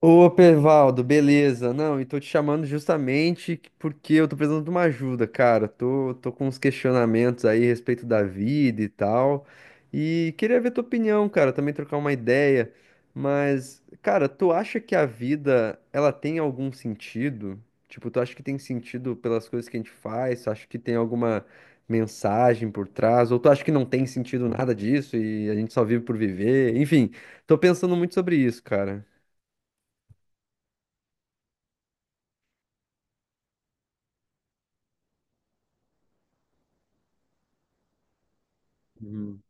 Ô, Pervaldo, beleza? Não, e tô te chamando justamente porque eu tô precisando de uma ajuda, cara. Tô com uns questionamentos aí a respeito da vida e tal. E queria ver tua opinião, cara, também trocar uma ideia. Mas, cara, tu acha que a vida, ela tem algum sentido? Tipo, tu acha que tem sentido pelas coisas que a gente faz? Tu acha que tem alguma mensagem por trás? Ou tu acha que não tem sentido nada disso e a gente só vive por viver? Enfim, tô pensando muito sobre isso, cara. Uhum.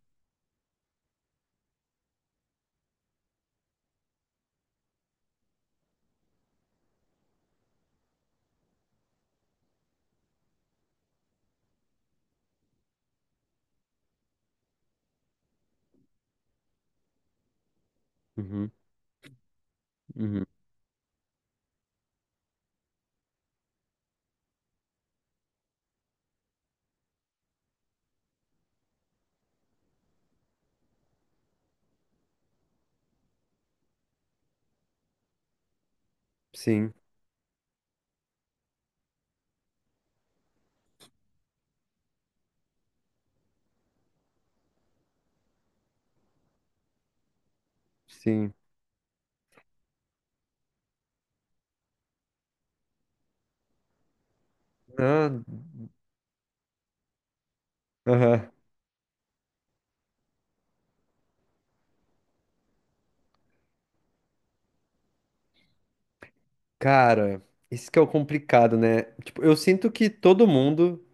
Uhum, uhum. Sim, sim. Ah, aham. Cara, isso que é o complicado, né? Tipo, eu sinto que todo mundo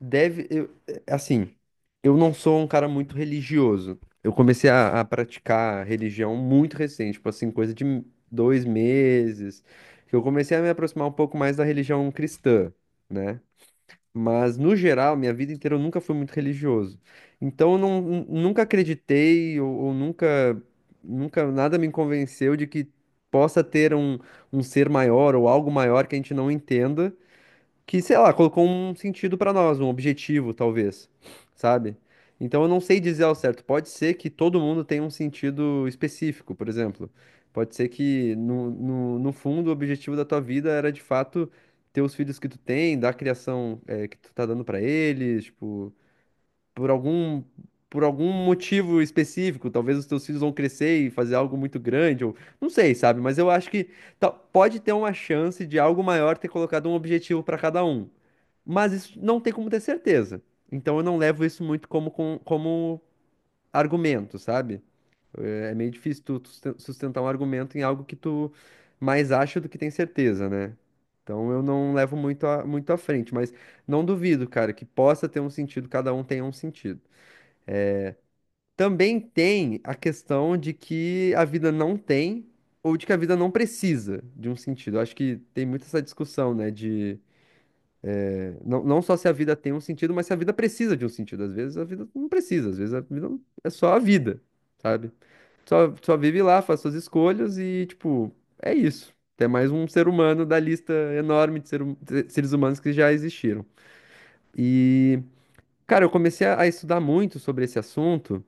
deve. Assim, eu não sou um cara muito religioso. Eu comecei a praticar religião muito recente, tipo assim, coisa de 2 meses, que eu comecei a me aproximar um pouco mais da religião cristã, né? Mas, no geral, minha vida inteira eu nunca fui muito religioso. Então, eu não, nunca acreditei ou nunca, nada me convenceu de que possa ter um ser maior ou algo maior que a gente não entenda que, sei lá, colocou um sentido pra nós, um objetivo, talvez, sabe? Então eu não sei dizer ao certo. Pode ser que todo mundo tenha um sentido específico, por exemplo. Pode ser que no fundo o objetivo da tua vida era de fato ter os filhos que tu tem, dar a criação que tu tá dando pra eles, tipo, por algum por algum motivo específico, talvez os teus filhos vão crescer e fazer algo muito grande, ou não sei, sabe? Mas eu acho que pode ter uma chance de algo maior ter colocado um objetivo para cada um. Mas isso não tem como ter certeza. Então eu não levo isso muito como, como argumento, sabe? É meio difícil tu sustentar um argumento em algo que tu mais acha do que tem certeza, né? Então eu não levo muito a, muito à frente, mas não duvido, cara, que possa ter um sentido, cada um tenha um sentido. Também tem a questão de que a vida não tem ou de que a vida não precisa de um sentido. Eu acho que tem muito essa discussão, né? De não só se a vida tem um sentido, mas se a vida precisa de um sentido. Às vezes a vida não precisa, às vezes a vida é só a vida, sabe? Só vive lá, faz suas escolhas e, tipo, é isso. É mais um ser humano da lista enorme de ser de seres humanos que já existiram. E, cara, eu comecei a estudar muito sobre esse assunto.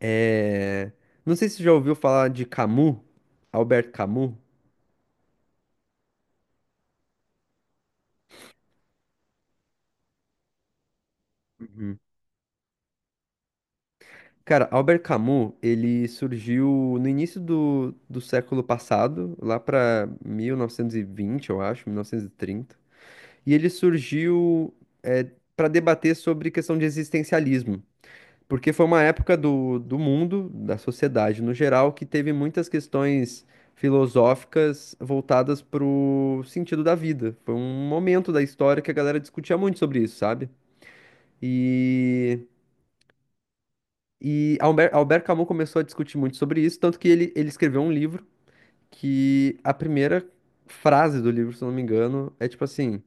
É, Não sei se você já ouviu falar de Camus, Albert Camus. Uhum. Cara, Albert Camus, ele surgiu no início do século passado, lá para 1920, eu acho, 1930. E trinta. E ele surgiu para debater sobre questão de existencialismo. Porque foi uma época do mundo, da sociedade no geral, que teve muitas questões filosóficas voltadas pro sentido da vida. Foi um momento da história que a galera discutia muito sobre isso, sabe? E, e Albert Camus começou a discutir muito sobre isso, tanto que ele escreveu um livro que a primeira frase do livro, se eu não me engano, é tipo assim: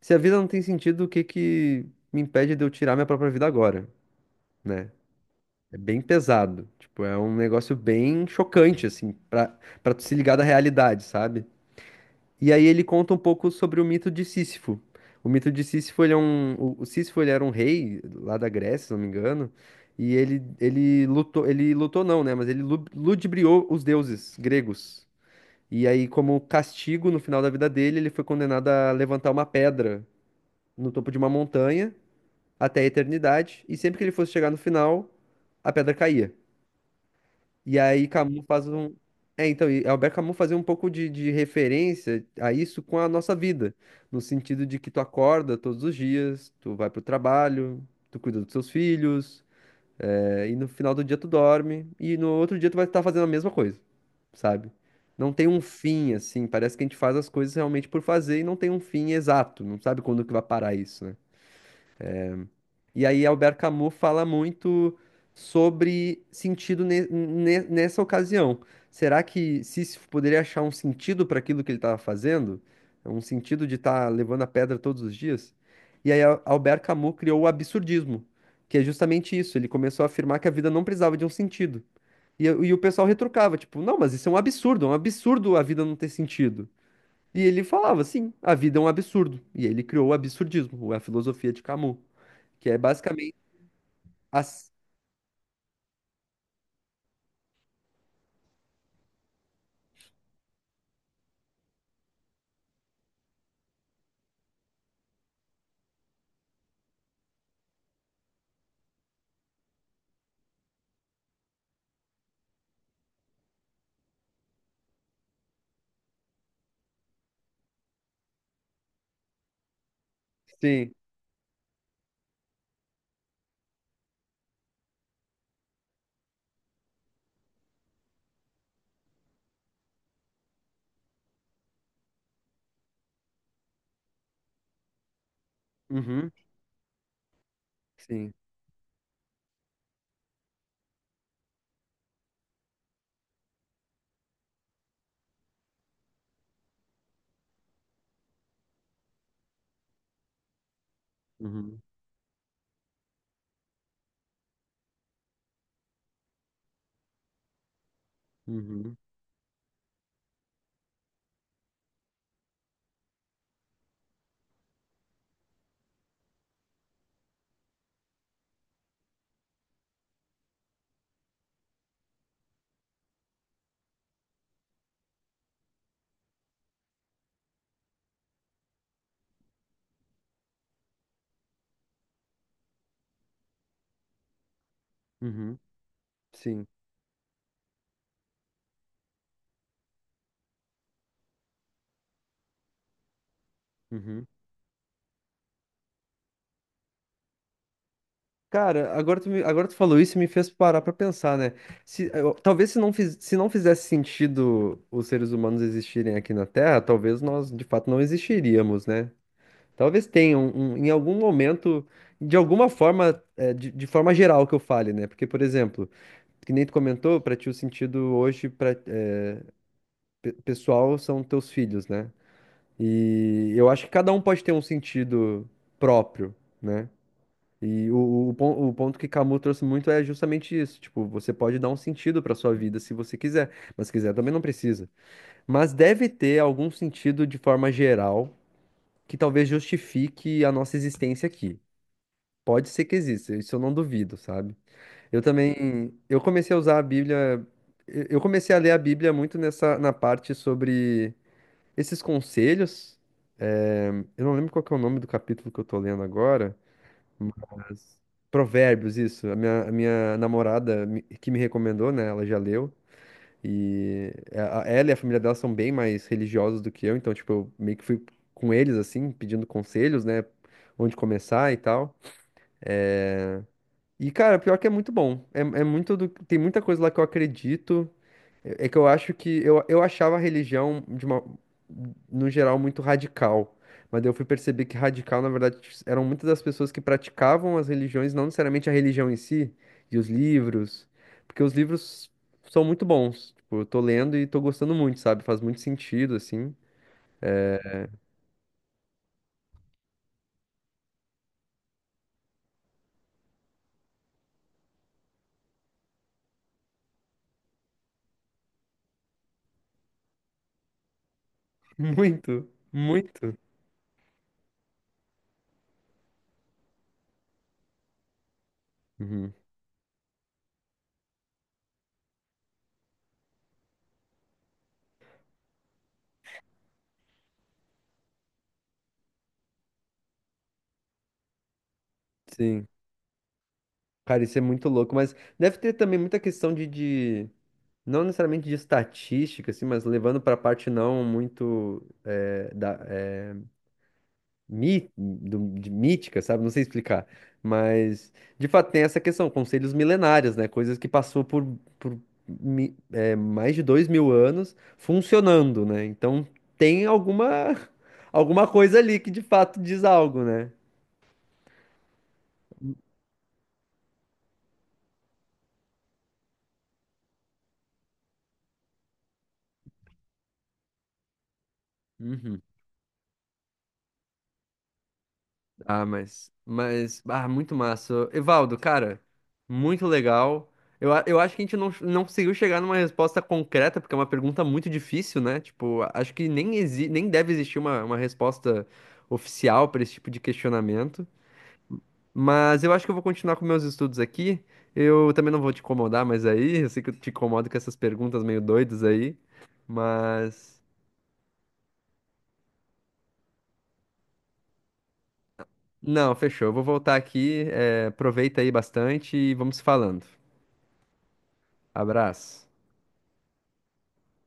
Se a vida não tem sentido, o que que me impede de eu tirar minha própria vida agora? Né? É bem pesado. Tipo, é um negócio bem chocante, assim, pra, tu se ligar da realidade, sabe? E aí ele conta um pouco sobre o mito de Sísifo. O mito de Sísifo, ele é um. O Sísifo, ele era um rei lá da Grécia, se não me engano, e ele lutou. Ele lutou não, né? Mas ele ludibriou os deuses gregos. E aí, como castigo, no final da vida dele, ele foi condenado a levantar uma pedra no topo de uma montanha até a eternidade, e sempre que ele fosse chegar no final, a pedra caía. E aí Camus faz um. É, então, e Albert Camus fazia um pouco de referência a isso com a nossa vida, no sentido de que tu acorda todos os dias, tu vai pro trabalho, tu cuida dos teus filhos, é, e no final do dia tu dorme, e no outro dia tu vai estar fazendo a mesma coisa, sabe? Não tem um fim, assim, parece que a gente faz as coisas realmente por fazer e não tem um fim exato, não sabe quando que vai parar isso, né? E aí Albert Camus fala muito sobre sentido nessa ocasião. Será que Sísifo poderia achar um sentido para aquilo que ele estava fazendo? É. Um sentido de estar levando a pedra todos os dias? E aí Albert Camus criou o absurdismo, que é justamente isso. Ele começou a afirmar que a vida não precisava de um sentido. E o pessoal retrucava, tipo, não, mas isso é um absurdo a vida não ter sentido. E ele falava, sim, a vida é um absurdo. E aí ele criou o absurdismo, a filosofia de Camus, que é basicamente ah, sim. Uhum. Sim. Uhum. Uhum. Uhum. Sim. Uhum. Cara, agora tu, agora tu falou isso e me fez parar pra pensar, né? Se, talvez se não, se não fizesse sentido os seres humanos existirem aqui na Terra, talvez nós de fato não existiríamos, né? Talvez tenha um, em algum momento, de alguma forma, é, de forma geral que eu fale, né? Porque, por exemplo, que nem tu comentou, pra ti o sentido hoje pra, é, pessoal são teus filhos, né? E eu acho que cada um pode ter um sentido próprio, né? E o ponto que Camus trouxe muito é justamente isso. Tipo, você pode dar um sentido para sua vida se você quiser, mas se quiser também não precisa. Mas deve ter algum sentido de forma geral que talvez justifique a nossa existência aqui. Pode ser que exista, isso eu não duvido, sabe? Eu também, eu comecei a usar a Bíblia, eu comecei a ler a Bíblia muito nessa na parte sobre esses conselhos, eh, eu não lembro qual que é o nome do capítulo que eu tô lendo agora, mas Provérbios, isso. A minha namorada que me recomendou, né? Ela já leu. E ela e a família dela são bem mais religiosos do que eu, então, tipo, eu meio que fui com eles, assim, pedindo conselhos, né? Onde começar e tal. E, cara, pior que é muito bom. É muito do, tem muita coisa lá que eu acredito. É que eu acho que eu, achava a religião de uma, no geral muito radical, mas daí eu fui perceber que radical, na verdade, eram muitas das pessoas que praticavam as religiões, não necessariamente a religião em si, e os livros, porque os livros são muito bons. Tipo, eu tô lendo e tô gostando muito, sabe? Faz muito sentido, assim. É, muito, muito. Uhum. Sim. Cara, isso é muito louco, mas deve ter também muita questão de não necessariamente de estatística, assim, mas levando para a parte não muito da, é de mítica, sabe? Não sei explicar. Mas, de fato, tem essa questão, conselhos milenários, né? Coisas que passou por mais de 2 mil anos funcionando, né? Então, tem alguma, alguma coisa ali que, de fato, diz algo, né? Uhum. Ah, muito massa. Evaldo, cara, muito legal. Eu acho que a gente não conseguiu chegar numa resposta concreta, porque é uma pergunta muito difícil, né? Tipo, acho que nem deve existir uma, resposta oficial para esse tipo de questionamento. Mas eu acho que eu vou continuar com meus estudos aqui. Eu também não vou te incomodar mais aí. Eu sei que eu te incomodo com essas perguntas meio doidas aí. Mas, não, fechou. Eu vou voltar aqui. Aproveita aí bastante e vamos se falando. Abraço.